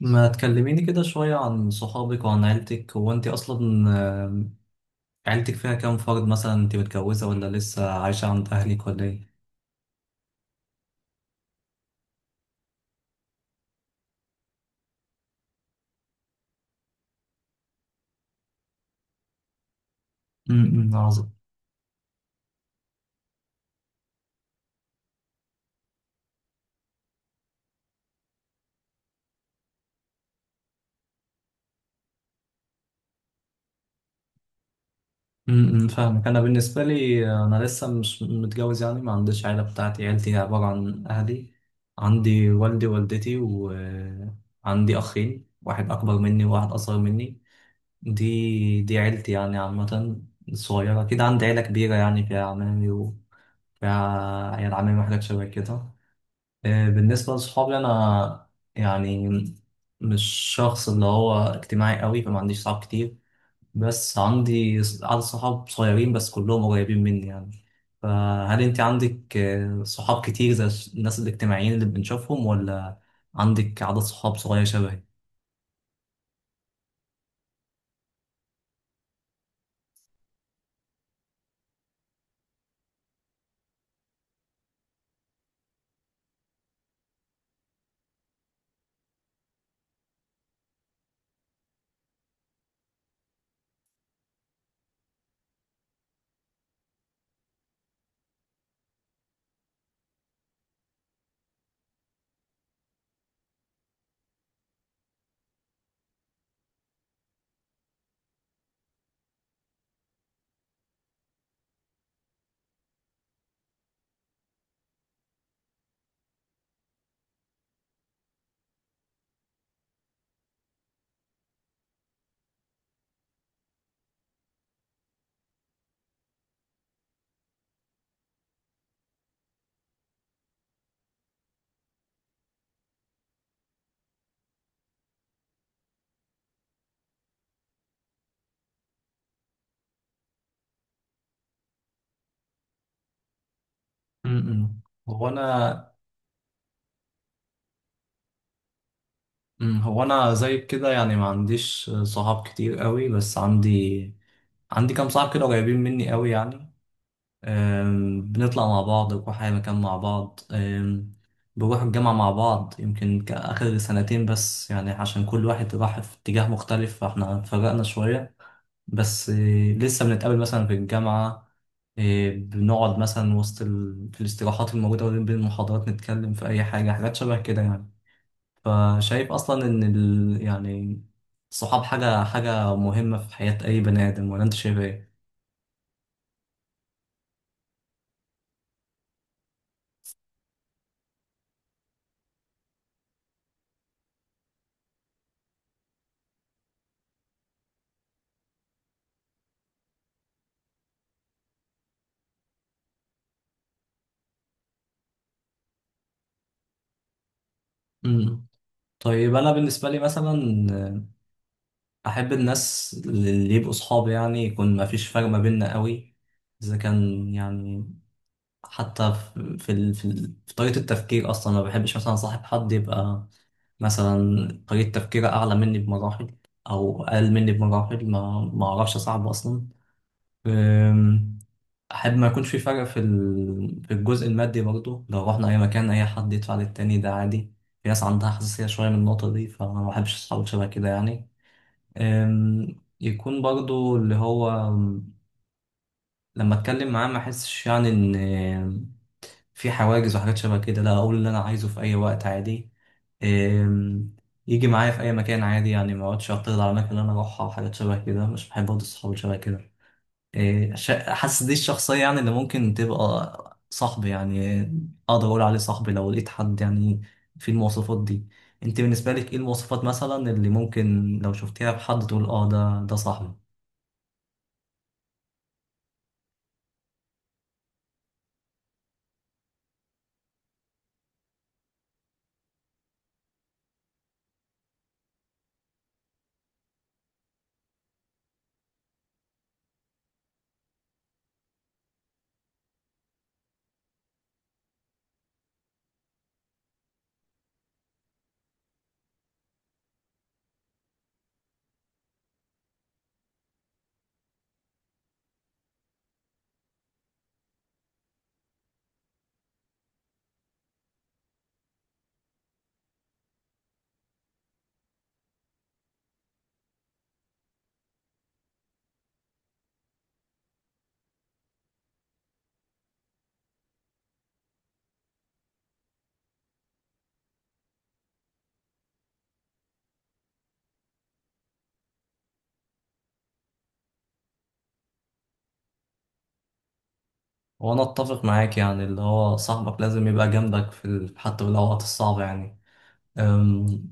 ما تكلميني كده شوية عن صحابك وعن عيلتك. هو انت اصلا عيلتك فيها كام فرد؟ مثلا انت متجوزة ولا لسه عايشة عند اهلك ولا ايه؟ امم، عظيم. امم، فاهمك. انا بالنسبة لي انا لسه مش متجوز، يعني ما عنديش عيلة بتاعتي. عيلتي عبارة عن اهلي. عندي والدي ووالدتي، وعندي اخين، واحد اكبر مني وواحد اصغر مني. دي عيلتي، يعني عامة صغيرة كده. عندي عيلة كبيرة يعني، فيها عمامي وفيها عيال عمامي وحاجات شبه كده. بالنسبة لصحابي أنا، يعني مش شخص اللي هو اجتماعي قوي، فما عنديش صحاب كتير. بس عندي عدد صحاب صغيرين بس كلهم قريبين مني يعني. فهل أنت عندك صحاب كتير زي الناس الاجتماعيين اللي بنشوفهم، ولا عندك عدد صحاب صغير شبهي؟ م-م. هو أنا هو أنا زيك كده، يعني ما عنديش صحاب كتير قوي، بس عندي كام صاحب كده قريبين مني قوي يعني. بنطلع مع بعض، بنروح أي مكان مع بعض. بنروح الجامعة مع بعض، يمكن آخر سنتين بس يعني، عشان كل واحد راح في اتجاه مختلف فاحنا اتفرقنا شوية. بس إيه، لسه بنتقابل مثلا في الجامعة. إيه، بنقعد مثلا وسط في الاستراحات الموجودة ما بين المحاضرات، نتكلم في أي حاجة، حاجات شبه كده يعني. فشايف أصلا إن يعني الصحاب حاجة مهمة في حياة أي بني آدم، ولا أنت شايف إيه؟ مم. طيب أنا بالنسبة لي مثلا احب الناس اللي يبقوا صحابي، يعني يكون ما فيش فرق ما بيننا قوي، اذا كان يعني حتى في طريقة التفكير اصلا. ما بحبش مثلا صاحب حد يبقى مثلا طريقة تفكيره اعلى مني بمراحل، او اقل مني بمراحل، ما اعرفش صاحبه اصلا. أم، احب ما يكونش في فرق في في الجزء المادي برضه، لو رحنا اي مكان اي حد يدفع للتاني ده عادي. في ناس عندها حساسية شوية من النقطة دي، فانا ما بحبش اصحاب شبه كده يعني. أم، يكون برضو اللي هو لما اتكلم معاه ما احسش يعني ان في حواجز وحاجات شبه كده، لا اقول اللي انا عايزه في اي وقت عادي. أم، يجي معايا في اي مكان عادي، يعني ما اقعدش اعترض على الاماكن اللي انا اروحها وحاجات شبه كده، مش بحب برضه الصحاب اللي شبه كده. حاسس دي الشخصية يعني اللي ممكن تبقى صاحبي يعني، اقدر اقول عليه صاحبي لو لقيت حد يعني في المواصفات دي. انت بالنسبة لك ايه المواصفات مثلا اللي ممكن لو شفتيها في حد تقول اه ده صاحبي؟ وانا اتفق معاك، يعني اللي هو صاحبك لازم يبقى جنبك حتى في الاوقات الصعبه يعني. أم،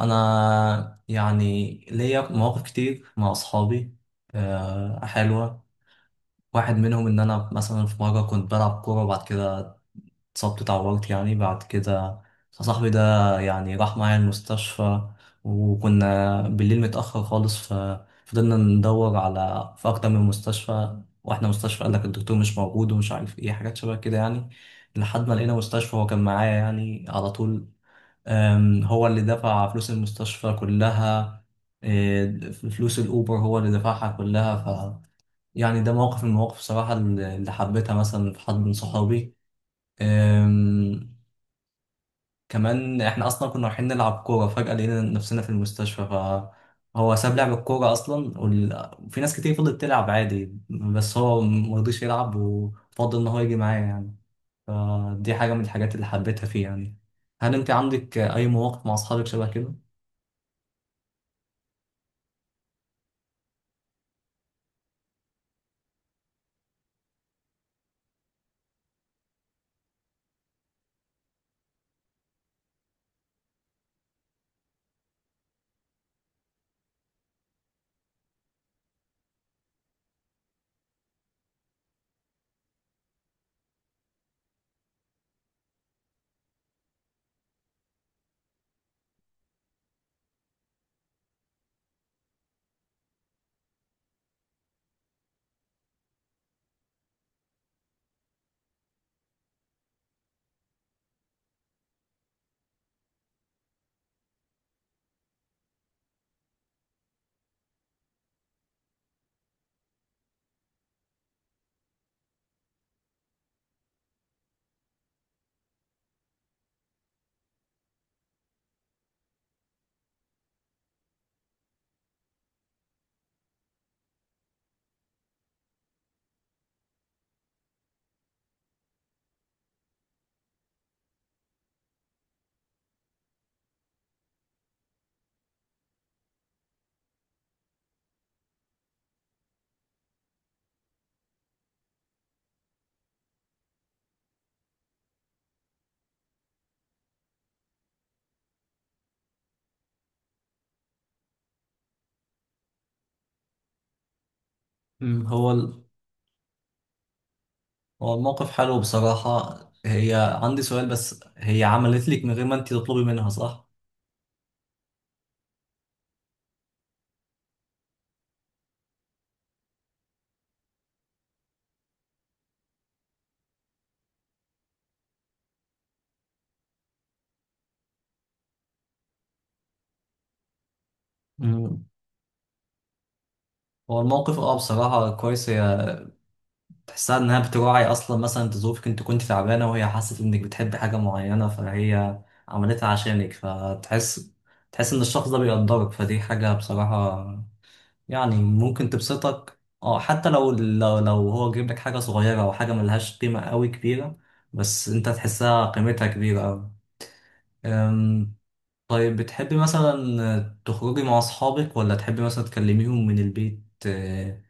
انا يعني ليا مواقف كتير مع اصحابي حلوه. واحد منهم ان انا مثلا في مره كنت بلعب كوره، وبعد كده اتصبت اتعورت يعني. بعد كده صاحبي ده يعني راح معايا المستشفى، وكنا بالليل متأخر خالص. ففضلنا ندور على في أكتر من مستشفى، واحنا مستشفى قال لك الدكتور مش موجود ومش عارف ايه، حاجات شبه كده يعني، لحد ما لقينا مستشفى. هو كان معايا يعني على طول. هو اللي دفع فلوس المستشفى كلها. إيه، فلوس الأوبر هو اللي دفعها كلها، ف يعني ده موقف من المواقف بصراحة اللي حبيتها مثلا في حد من صحابي. أم، كمان احنا اصلا كنا رايحين نلعب كوره، فجاه لقينا نفسنا في المستشفى. فهو ساب لعب الكوره اصلا، وفي ناس كتير فضلت تلعب عادي، بس هو مرضيش يلعب وفضل ان هو يجي معايا يعني. فدي حاجه من الحاجات اللي حبيتها فيه يعني. هل انت عندك اي مواقف مع اصحابك شبه كده؟ مم. هو الموقف حلو بصراحه. هي عندي سؤال بس، هي عملت لك من غير ما انت تطلبي منها، صح؟ مم. هو الموقف بصراحة كويس، تحسها انها بتراعي اصلا مثلا انت ظروفك، انت كنت تعبانه وهي حست انك بتحب حاجه معينه فهي عملتها عشانك، فتحس ان الشخص ده بيقدرك. فدي حاجه بصراحه يعني ممكن تبسطك، حتى لو هو جايب لك حاجه صغيره او حاجه ملهاش قيمه قوي كبيره، بس انت تحسها قيمتها كبيره قوي. أم، طيب بتحبي مثلا تخرجي مع اصحابك، ولا تحبي مثلا تكلميهم من البيت،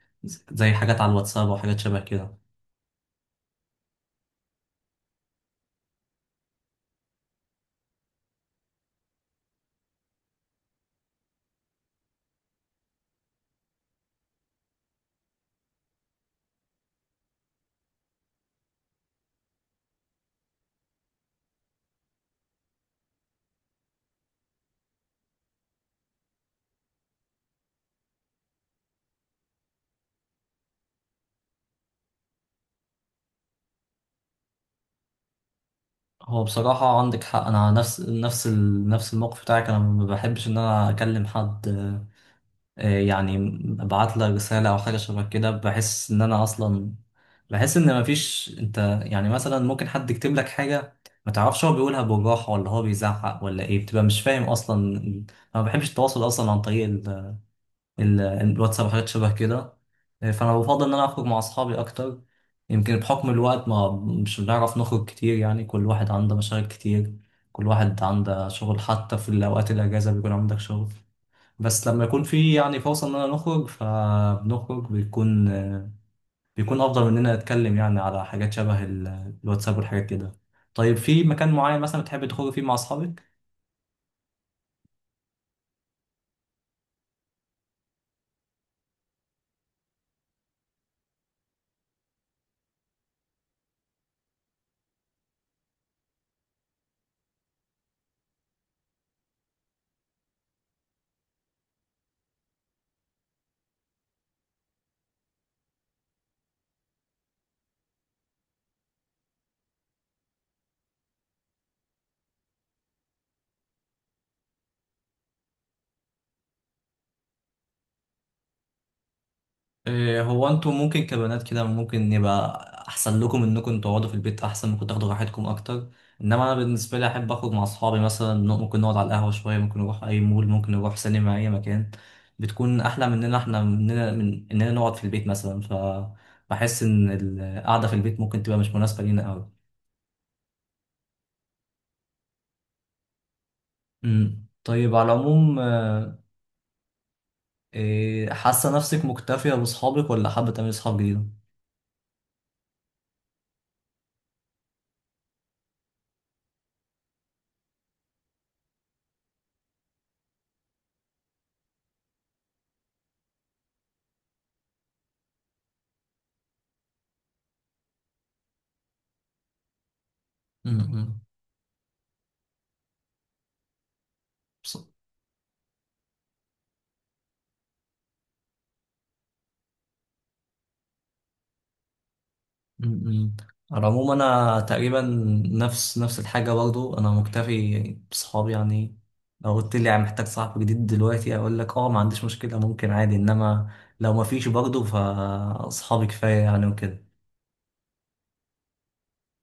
زي حاجات على الواتساب او حاجات شبه كده؟ هو بصراحة عندك حق، أنا نفس الموقف بتاعك. أنا ما بحبش إن أنا أكلم حد، يعني أبعت له رسالة أو حاجة شبه كده، بحس إن أنا أصلا بحس إن مفيش أنت. يعني مثلا ممكن حد يكتب لك حاجة، ما تعرفش هو بيقولها بالراحة ولا هو بيزعق ولا إيه، بتبقى مش فاهم أصلا أنا. ما بحبش التواصل أصلا عن طريق الواتساب وحاجات شبه كده. فانا بفضل ان انا اخرج مع اصحابي اكتر. يمكن بحكم الوقت ما مش بنعرف نخرج كتير يعني، كل واحد عنده مشاغل كتير، كل واحد عنده شغل، حتى في الاوقات الاجازه بيكون عندك شغل. بس لما يكون في يعني فرصه اننا نخرج فبنخرج، بيكون افضل مننا نتكلم يعني على حاجات شبه الواتساب والحاجات كده. طيب في مكان معين مثلا بتحب تخرج فيه مع اصحابك؟ إيه، هو انتوا ممكن كبنات كده ممكن يبقى احسن لكم انكم تقعدوا في البيت، احسن ممكن تاخدوا راحتكم اكتر. انما انا بالنسبه لي احب اخرج مع اصحابي، مثلا ممكن نقعد على القهوه شويه، ممكن نروح اي مول، ممكن نروح سينما، اي مكان بتكون احلى مننا من اننا نقعد في البيت مثلا. فبحس ان القعده في البيت ممكن تبقى مش مناسبه لينا قوي. أمم. طيب على العموم، إيه، حاسه نفسك مكتفيه باصحابك ولا حابه تعملي اصحاب جديده؟ أمم. م-م. على العموم انا تقريبا نفس الحاجه برضو، انا مكتفي بصحابي يعني. لو قلت لي يعني محتاج صاحب جديد دلوقتي اقول لك اه، ما عنديش مشكله ممكن عادي، انما لو ما فيش برضو فاصحابي كفايه يعني وكده.